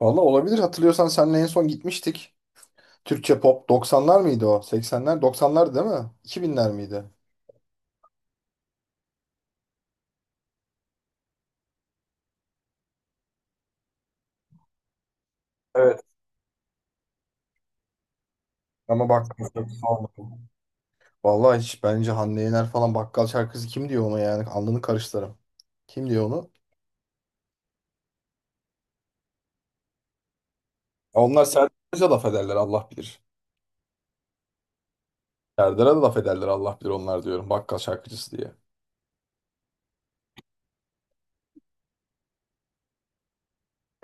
Valla olabilir. Hatırlıyorsan seninle en son gitmiştik. Türkçe pop 90'lar mıydı o? 80'ler 90'lar değil mi? 2000'ler miydi? Evet. Ama bak. Vallahi hiç bence Hande Yener falan bakkal şarkısı, kim diyor onu yani? Alnını karıştırırım. Kim diyor onu? Ya onlar Serdar'a Azize laf ederler Allah bilir. Serdar'a da laf ederler Allah bilir onlar, diyorum bakkal şarkıcısı diye.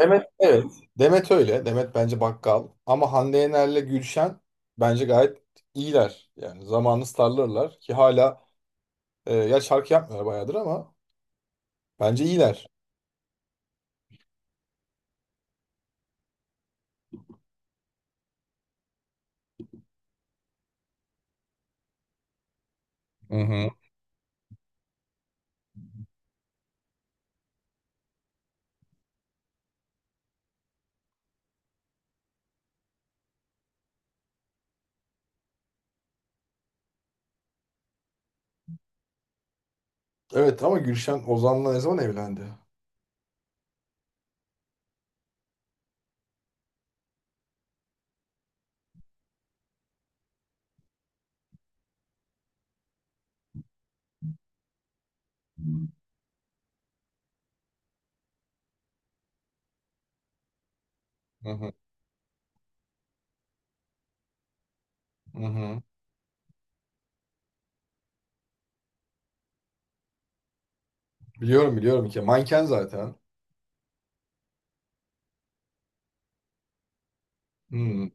Demet. Evet. Demet öyle. Demet bence bakkal. Ama Hande Yener'le Gülşen bence gayet iyiler. Yani zamanı starlarlar ki hala, ya şarkı yapmıyor bayağıdır ama bence iyiler. Hı hı. Evet ama Gülşen Ozan'la ne zaman evlendi? Hı hı. Hı hı. Biliyorum, biliyorum ki manken zaten. Hmm.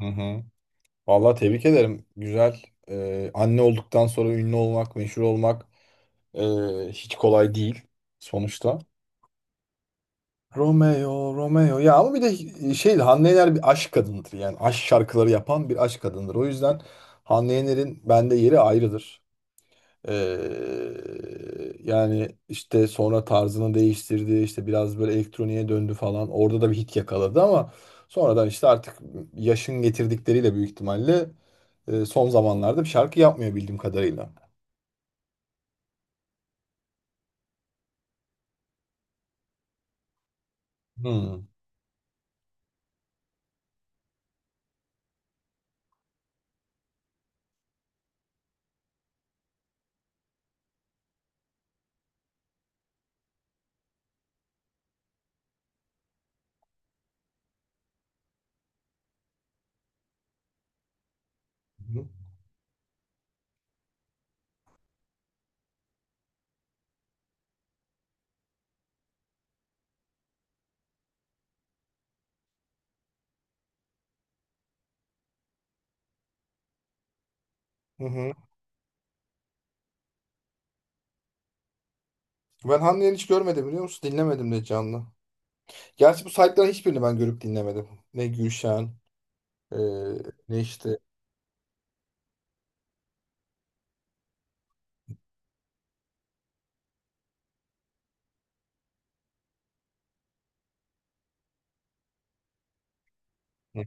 Hı hı. Vallahi tebrik ederim. Güzel. Anne olduktan sonra ünlü olmak, meşhur olmak ee, hiç kolay değil sonuçta. Romeo, Romeo. Ya ama bir de şey, Hande Yener bir aşk kadındır. Yani aşk şarkıları yapan bir aşk kadındır. O yüzden Hande Yener'in bende yeri ayrıdır. Ee, yani işte sonra tarzını değiştirdi, işte biraz böyle elektroniğe döndü falan, orada da bir hit yakaladı ama sonradan işte artık yaşın getirdikleriyle büyük ihtimalle son zamanlarda bir şarkı yapmıyor bildiğim kadarıyla. Hmm. Hı hı. Ben Haniye'ni hiç görmedim, biliyor musun? Dinlemedim de canlı. Gerçi bu saytların hiçbirini ben görüp dinlemedim. Ne Gülşen, e, ne işte. Hı.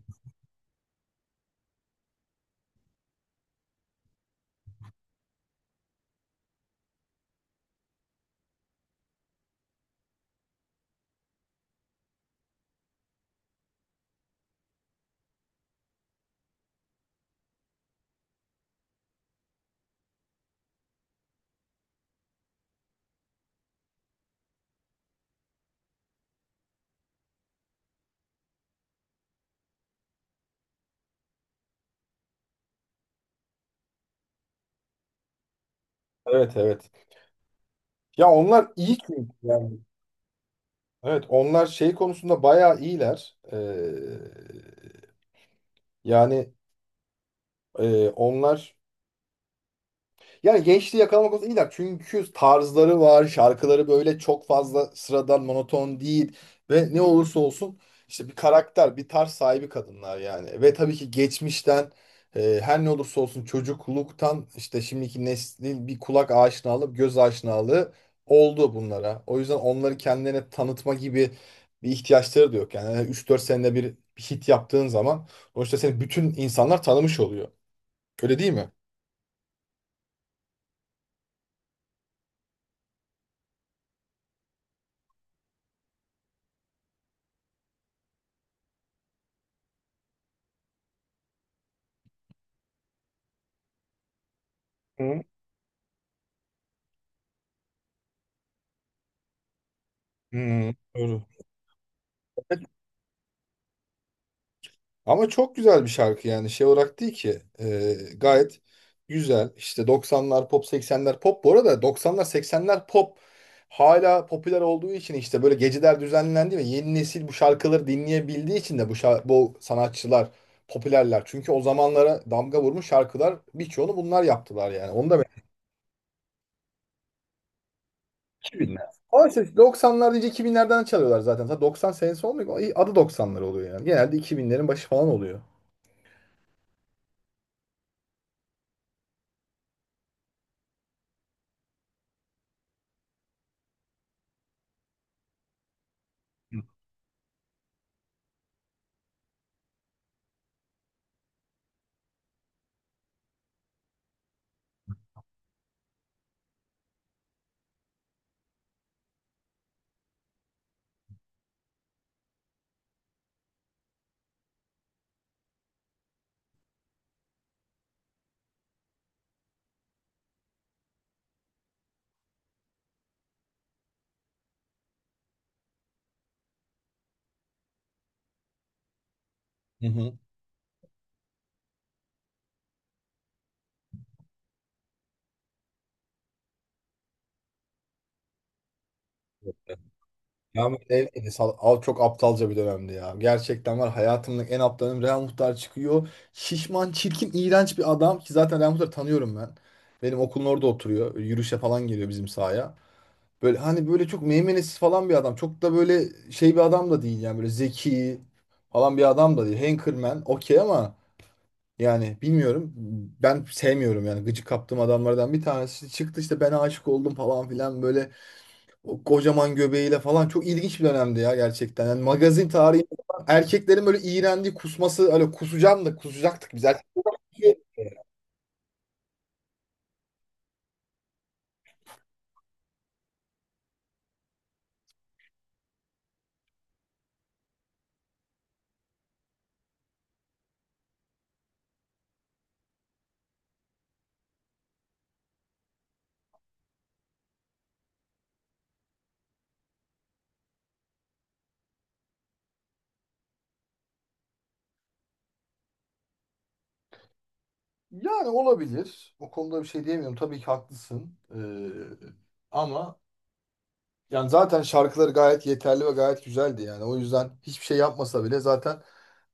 Evet, evet. Ya onlar iyi ki. Evet, onlar şey konusunda bayağı iyiler. Yani e, onlar Yani gençliği yakalamak konusunda iyiler. Çünkü tarzları var, şarkıları böyle çok fazla sıradan, monoton değil. Ve ne olursa olsun işte bir karakter, bir tarz sahibi kadınlar yani. Ve tabii ki geçmişten, her ne olursa olsun çocukluktan işte şimdiki neslin bir kulak aşinalığı, göz aşinalığı oldu bunlara. O yüzden onları kendilerine tanıtma gibi bir ihtiyaçları da yok. Yani üç dört senede bir hit yaptığın zaman sonuçta seni bütün insanlar tanımış oluyor. Öyle değil mi? Hı, hı, doğru. Ama çok güzel bir şarkı yani, şey olarak değil ki. Gayet güzel işte, 90'lar pop, 80'ler pop, bu arada 90'lar 80'ler pop hala popüler olduğu için işte böyle geceler düzenlendi ve yeni nesil bu şarkıları dinleyebildiği için de bu sanatçılar popülerler. Çünkü o zamanlara damga vurmuş şarkılar, birçoğunu bunlar yaptılar, yani onu da ben... 2000'ler. Oysa 90'lar deyince 2000'lerden çalıyorlar zaten. Zaten 90 senesi olmuyor. Adı 90'lar oluyor yani. Genelde 2000'lerin başı falan oluyor. Hı hı. Real Madrid evdeydi. Çok aptalca bir dönemdi ya. Gerçekten var hayatımın en aptalım. Real Muhtar çıkıyor. Şişman, çirkin, iğrenç bir adam ki zaten Real Muhtar'ı tanıyorum ben. Benim okulun orada oturuyor. Yürüyüşe falan geliyor bizim sahaya. Böyle hani böyle çok meymenesiz falan bir adam. Çok da böyle şey bir adam da değil yani, böyle zeki falan bir adam da değil. Hankerman okey ama yani bilmiyorum. Ben sevmiyorum, yani gıcık kaptığım adamlardan bir tanesi. İşte çıktı işte, ben aşık oldum falan filan, böyle o kocaman göbeğiyle falan, çok ilginç bir dönemdi ya gerçekten. Yani magazin tarihi, erkeklerin böyle iğrendiği kusması, öyle kusacağım da kusacaktık biz erkek. Yani olabilir. O konuda bir şey diyemiyorum. Tabii ki haklısın. Ama yani zaten şarkıları gayet yeterli ve gayet güzeldi yani. O yüzden hiçbir şey yapmasa bile zaten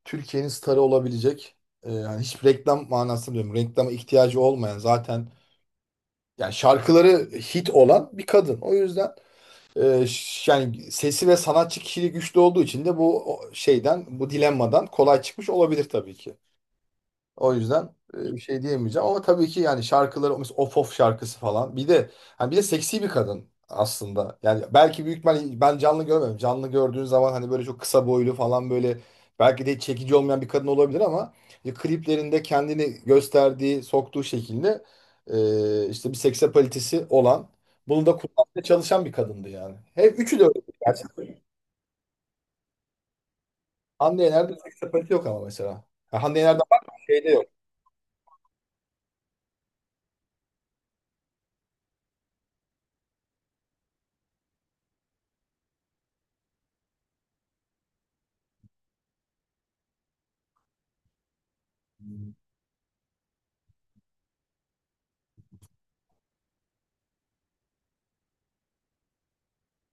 Türkiye'nin starı olabilecek. Yani hiç reklam manası diyorum. Reklama ihtiyacı olmayan zaten, yani şarkıları hit olan bir kadın. O yüzden... Yani sesi ve sanatçı kişiliği güçlü olduğu için de bu şeyden, bu dilemmadan kolay çıkmış olabilir tabii ki. O yüzden bir şey diyemeyeceğim ama tabii ki yani şarkıları, mesela Of Of şarkısı falan. Bir de hani, bir de seksi bir kadın aslında. Yani belki büyük, ben canlı görmedim. Canlı gördüğün zaman hani böyle çok kısa boylu falan, böyle belki de hiç çekici olmayan bir kadın olabilir ama işte kliplerinde kendini gösterdiği, soktuğu şekilde işte bir seks apalitesi olan, bunu da kullanmaya çalışan bir kadındı yani. Hep üçü de öyle gerçekten. Hande Yener'de seks apaliti yok ama mesela. Ha, Hande Yener'de var mı? Şeyde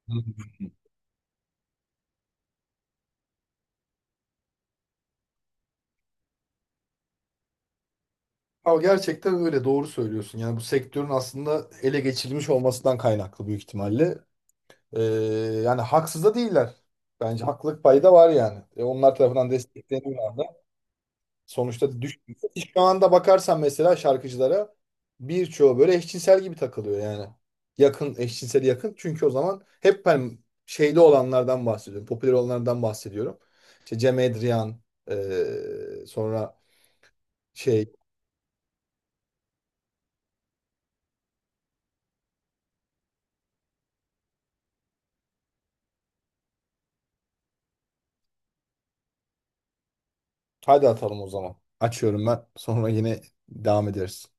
yok. Ama gerçekten öyle, doğru söylüyorsun. Yani bu sektörün aslında ele geçirilmiş olmasından kaynaklı büyük ihtimalle. Ee, yani haksız da değiller. Bence haklılık payı da var yani. Onlar tarafından destekleniyorlar da. Sonuçta düşmüyor. Şu anda bakarsan mesela şarkıcılara, birçoğu böyle eşcinsel gibi takılıyor yani. Yakın, eşcinseli yakın. Çünkü o zaman hep ben şeyli olanlardan bahsediyorum. Popüler olanlardan bahsediyorum. İşte Cem Edriyan, sonra şey. Hadi atalım o zaman. Açıyorum ben. Sonra yine devam ederiz.